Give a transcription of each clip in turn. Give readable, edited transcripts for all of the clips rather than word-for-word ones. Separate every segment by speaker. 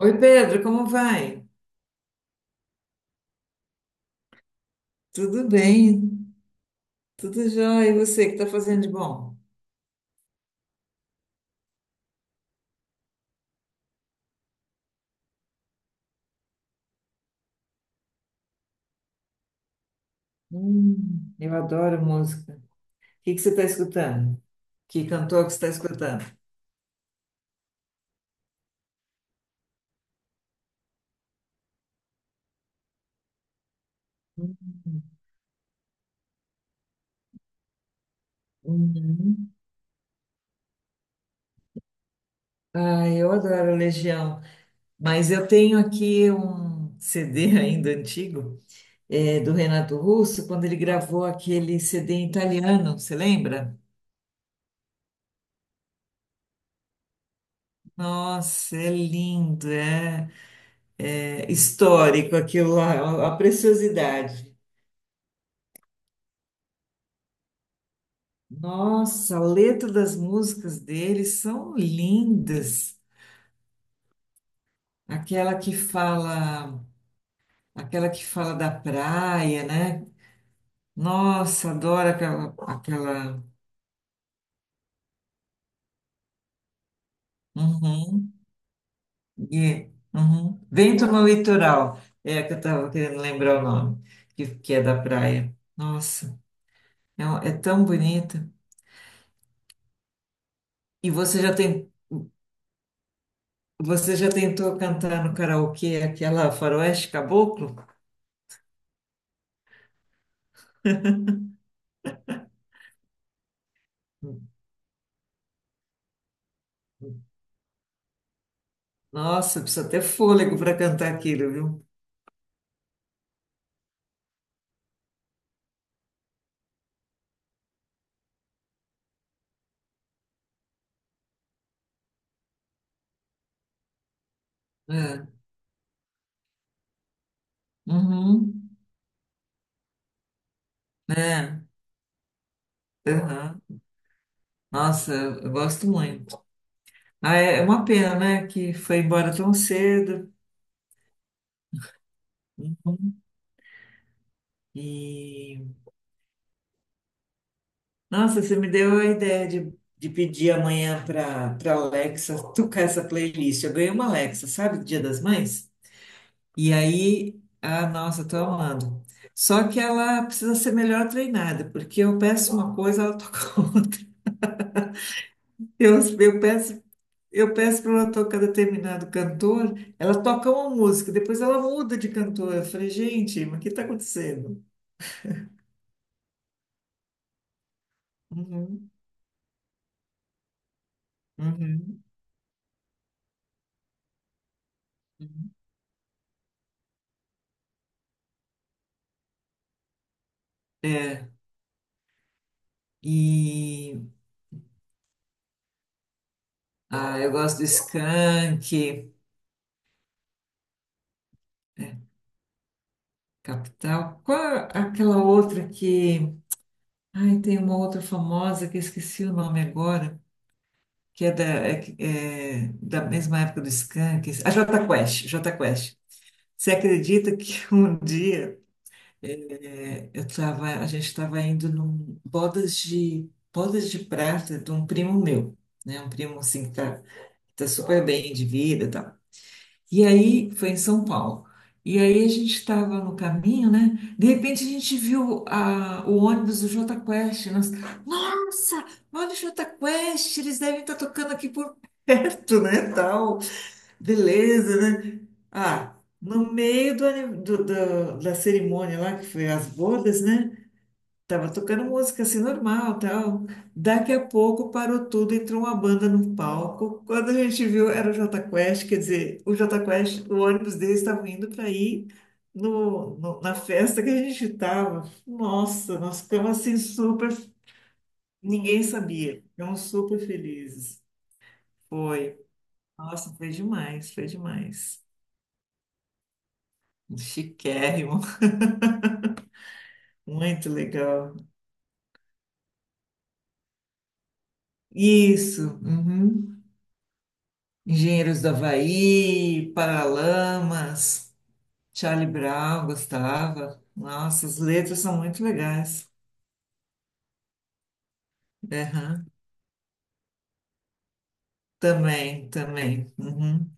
Speaker 1: Oi, Pedro, como vai? Tudo bem, tudo jóia. E você, que está fazendo de bom? Eu adoro música. O que que você está escutando? Que cantor que você está escutando? Uhum. Ah, eu adoro Legião, mas eu tenho aqui um CD ainda antigo, é, do Renato Russo, quando ele gravou aquele CD em italiano, você lembra? Nossa, é lindo, é, é histórico aquilo lá, é uma preciosidade. Nossa, a letra das músicas deles são lindas. Aquela que fala, aquela que fala da praia, né? Nossa, adoro aquela, aquela. Uhum, uhum. Vento no litoral. É a que eu estava querendo lembrar o nome, que é da praia. Nossa, é, é tão bonita. E você já tem, você já tentou cantar no karaokê aquela Faroeste Caboclo? Nossa, precisa ter fôlego para cantar aquilo, viu? É. Uhum. É. Aham. Nossa, eu gosto muito. Ah, é uma pena, né? Que foi embora tão cedo. Uhum. E nossa, você me deu a ideia de pedir amanhã para Alexa tocar essa playlist. Eu ganhei uma Alexa, sabe, do Dia das Mães? E aí, ah, nossa, tô amando. Só que ela precisa ser melhor treinada, porque eu peço uma coisa, ela toca outra. Eu peço. Eu peço para ela tocar determinado cantor, ela toca uma música, depois ela muda de cantor. Eu falei, gente, mas o que está acontecendo? Uhum, uhum, uhum. É, e ah, eu gosto do Skank, é, Capital. Qual é aquela outra que. Ai, tem uma outra famosa que eu esqueci o nome agora, que é da, é da mesma época do Skank. A Jota Quest, Jota Quest. Você acredita que um dia. É, eu tava, a gente estava indo num bodas de prata de um primo meu, né? Um primo assim que tá, tá super bem de vida, e tal. E aí foi em São Paulo. E aí a gente estava no caminho, né? De repente a gente viu a, o ônibus do Jota Quest. Nós, nossa, olha o Jota Quest, eles devem estar tocando aqui por perto, né? Tal, beleza, né? Ah, no meio do, da cerimônia lá que foi as bodas, né? Tava tocando música assim normal, tal. Daqui a pouco parou tudo, entrou uma banda no palco. Quando a gente viu, era o Jota Quest, quer dizer, o Jota Quest, o ônibus deles estava indo para ir no, na festa que a gente estava. Nossa, nós ficamos assim super, ninguém sabia. Ficamos super felizes. Foi. Nossa, foi demais, foi demais. Chiquérrimo, muito legal. Isso. Uhum. Engenheiros do Havaí, Paralamas, Charlie Brown, gostava. Nossa, as letras são muito legais. Aham, também, também. Uhum.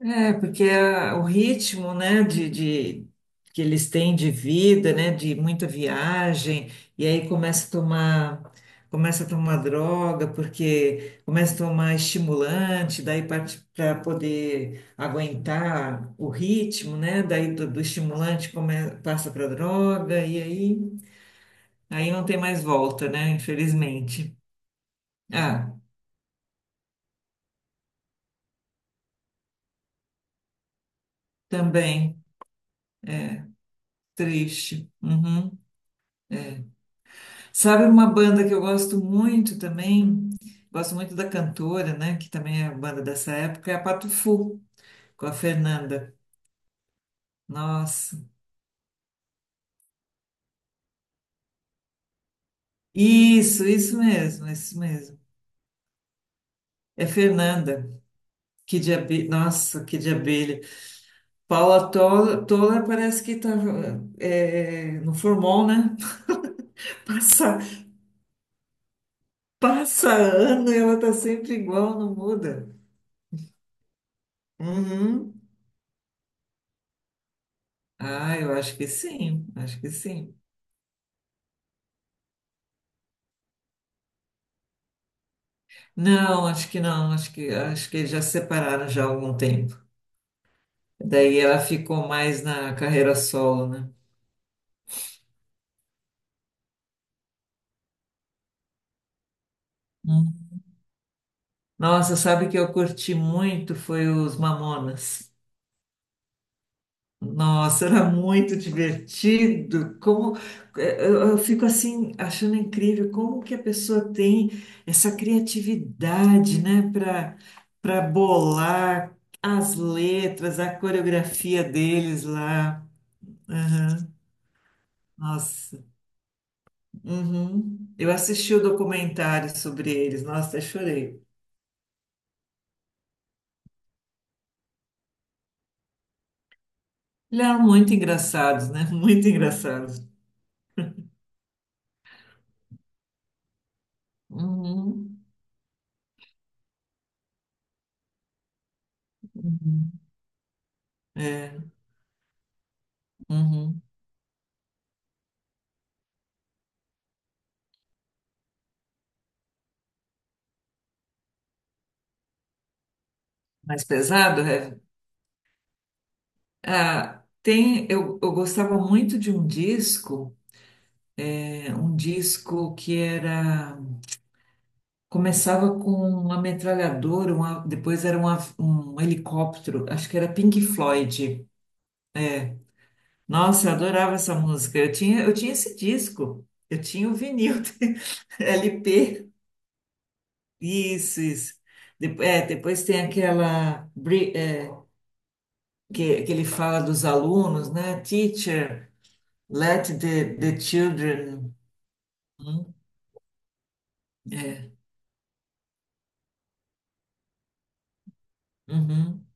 Speaker 1: É, porque o ritmo, né, que eles têm de vida, né, de muita viagem, e aí começa a tomar droga, porque começa a tomar estimulante, daí parte para poder aguentar o ritmo, né, daí do, do estimulante come, passa para droga, e aí, aí não tem mais volta, né, infelizmente. Ah, também, triste. Uhum. É. Sabe uma banda que eu gosto muito também? Gosto muito da cantora, né? Que também é banda dessa época, é a Patufu, com a Fernanda. Nossa. Isso mesmo, isso mesmo. É Fernanda. Que de abelha. Nossa, que de abelha. Paula Toller, Toller parece que tá é, no formol, né? Passa, passa ano e ela tá sempre igual, não muda. Uhum. Ah, eu acho que sim, acho que sim. Não, acho que não, acho que eles já se separaram já há algum tempo. Daí ela ficou mais na carreira solo, né? Hum. Nossa, sabe que eu curti muito foi os Mamonas. Nossa, era muito divertido. Como eh, eu fico assim achando incrível como que a pessoa tem essa criatividade, né, para bolar as letras, a coreografia deles lá. Né? Nossa. Uhum. Eu assisti o documentário sobre eles, nossa, até chorei. Eles eram muito engraçados, né? Muito engraçados. Uhum. Uhum. É. Uhum. Mais pesado, é? Ah, tem, eu gostava muito de um disco, é, um disco que era. Começava com uma metralhadora, uma, depois era um um helicóptero, acho que era Pink Floyd. Nossa, eu adorava essa música. Eu tinha esse disco. Eu tinha o vinil LP. Isso, isso. Depois tem aquela que, ele fala dos alunos, né? Teacher, let the, the children. Hum, é, uhum.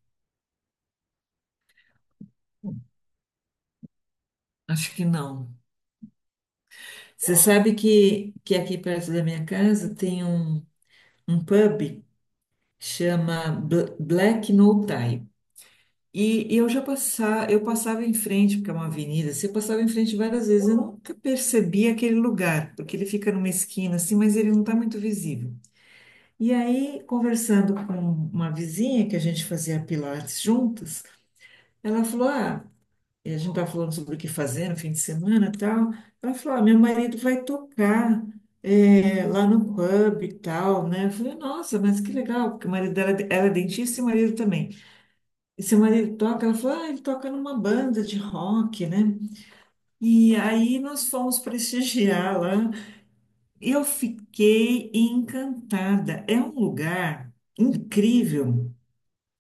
Speaker 1: Acho que não. Você sabe que aqui perto da minha casa tem um, um pub chama Black No. E eu já passava, eu passava em frente, porque é uma avenida, você passava em frente várias vezes, eu nunca percebi aquele lugar, porque ele fica numa esquina assim, mas ele não está muito visível. E aí, conversando com uma vizinha que a gente fazia pilates juntas, ela falou: ah, e a gente estava falando sobre o que fazer no fim de semana e tal. Ela falou: ah, meu marido vai tocar eh, lá no pub e tal, né? Eu falei: nossa, mas que legal, porque o marido dela, ela é dentista e o marido também. E seu marido toca? Ela falou, ah, ele toca numa banda de rock, né? E aí nós fomos prestigiar lá. Eu fiquei encantada. É um lugar incrível,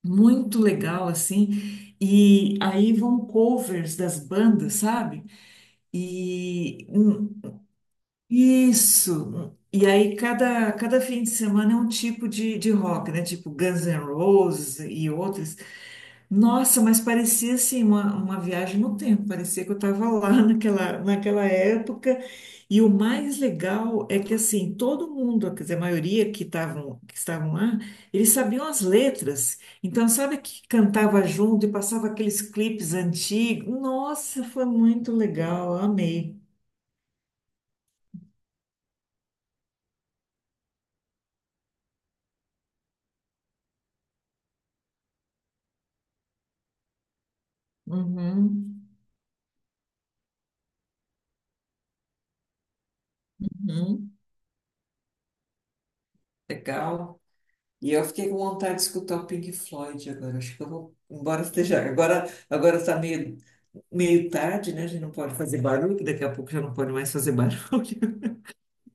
Speaker 1: muito legal, assim. E aí vão covers das bandas, sabe? E isso. E aí cada, cada fim de semana é um tipo de rock, né? Tipo Guns N' Roses e outros. Nossa, mas parecia assim uma viagem no tempo, parecia que eu estava lá naquela, naquela época. E o mais legal é que assim, todo mundo, quer dizer, a maioria que estavam lá, eles sabiam as letras. Então, sabe que cantava junto e passava aqueles clipes antigos? Nossa, foi muito legal, amei. Uhum, uhum, legal. E eu fiquei com vontade de escutar o Pink Floyd agora. Acho que eu vou, embora esteja. Agora, agora tá meio, meio tarde, né? A gente não pode fazer barulho, daqui a pouco já não pode mais fazer barulho.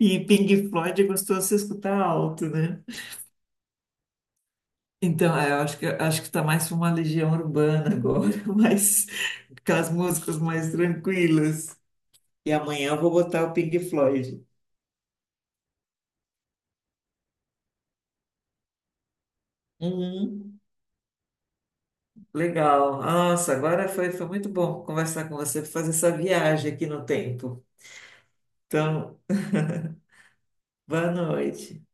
Speaker 1: E Pink Floyd é gostoso de se escutar alto, né? Então, é, eu acho que tá mais para uma legião urbana agora, mas com as músicas mais tranquilas. E amanhã eu vou botar o Pink Floyd. Uhum. Legal. Nossa, agora foi, foi muito bom conversar com você, fazer essa viagem aqui no tempo. Então, boa noite.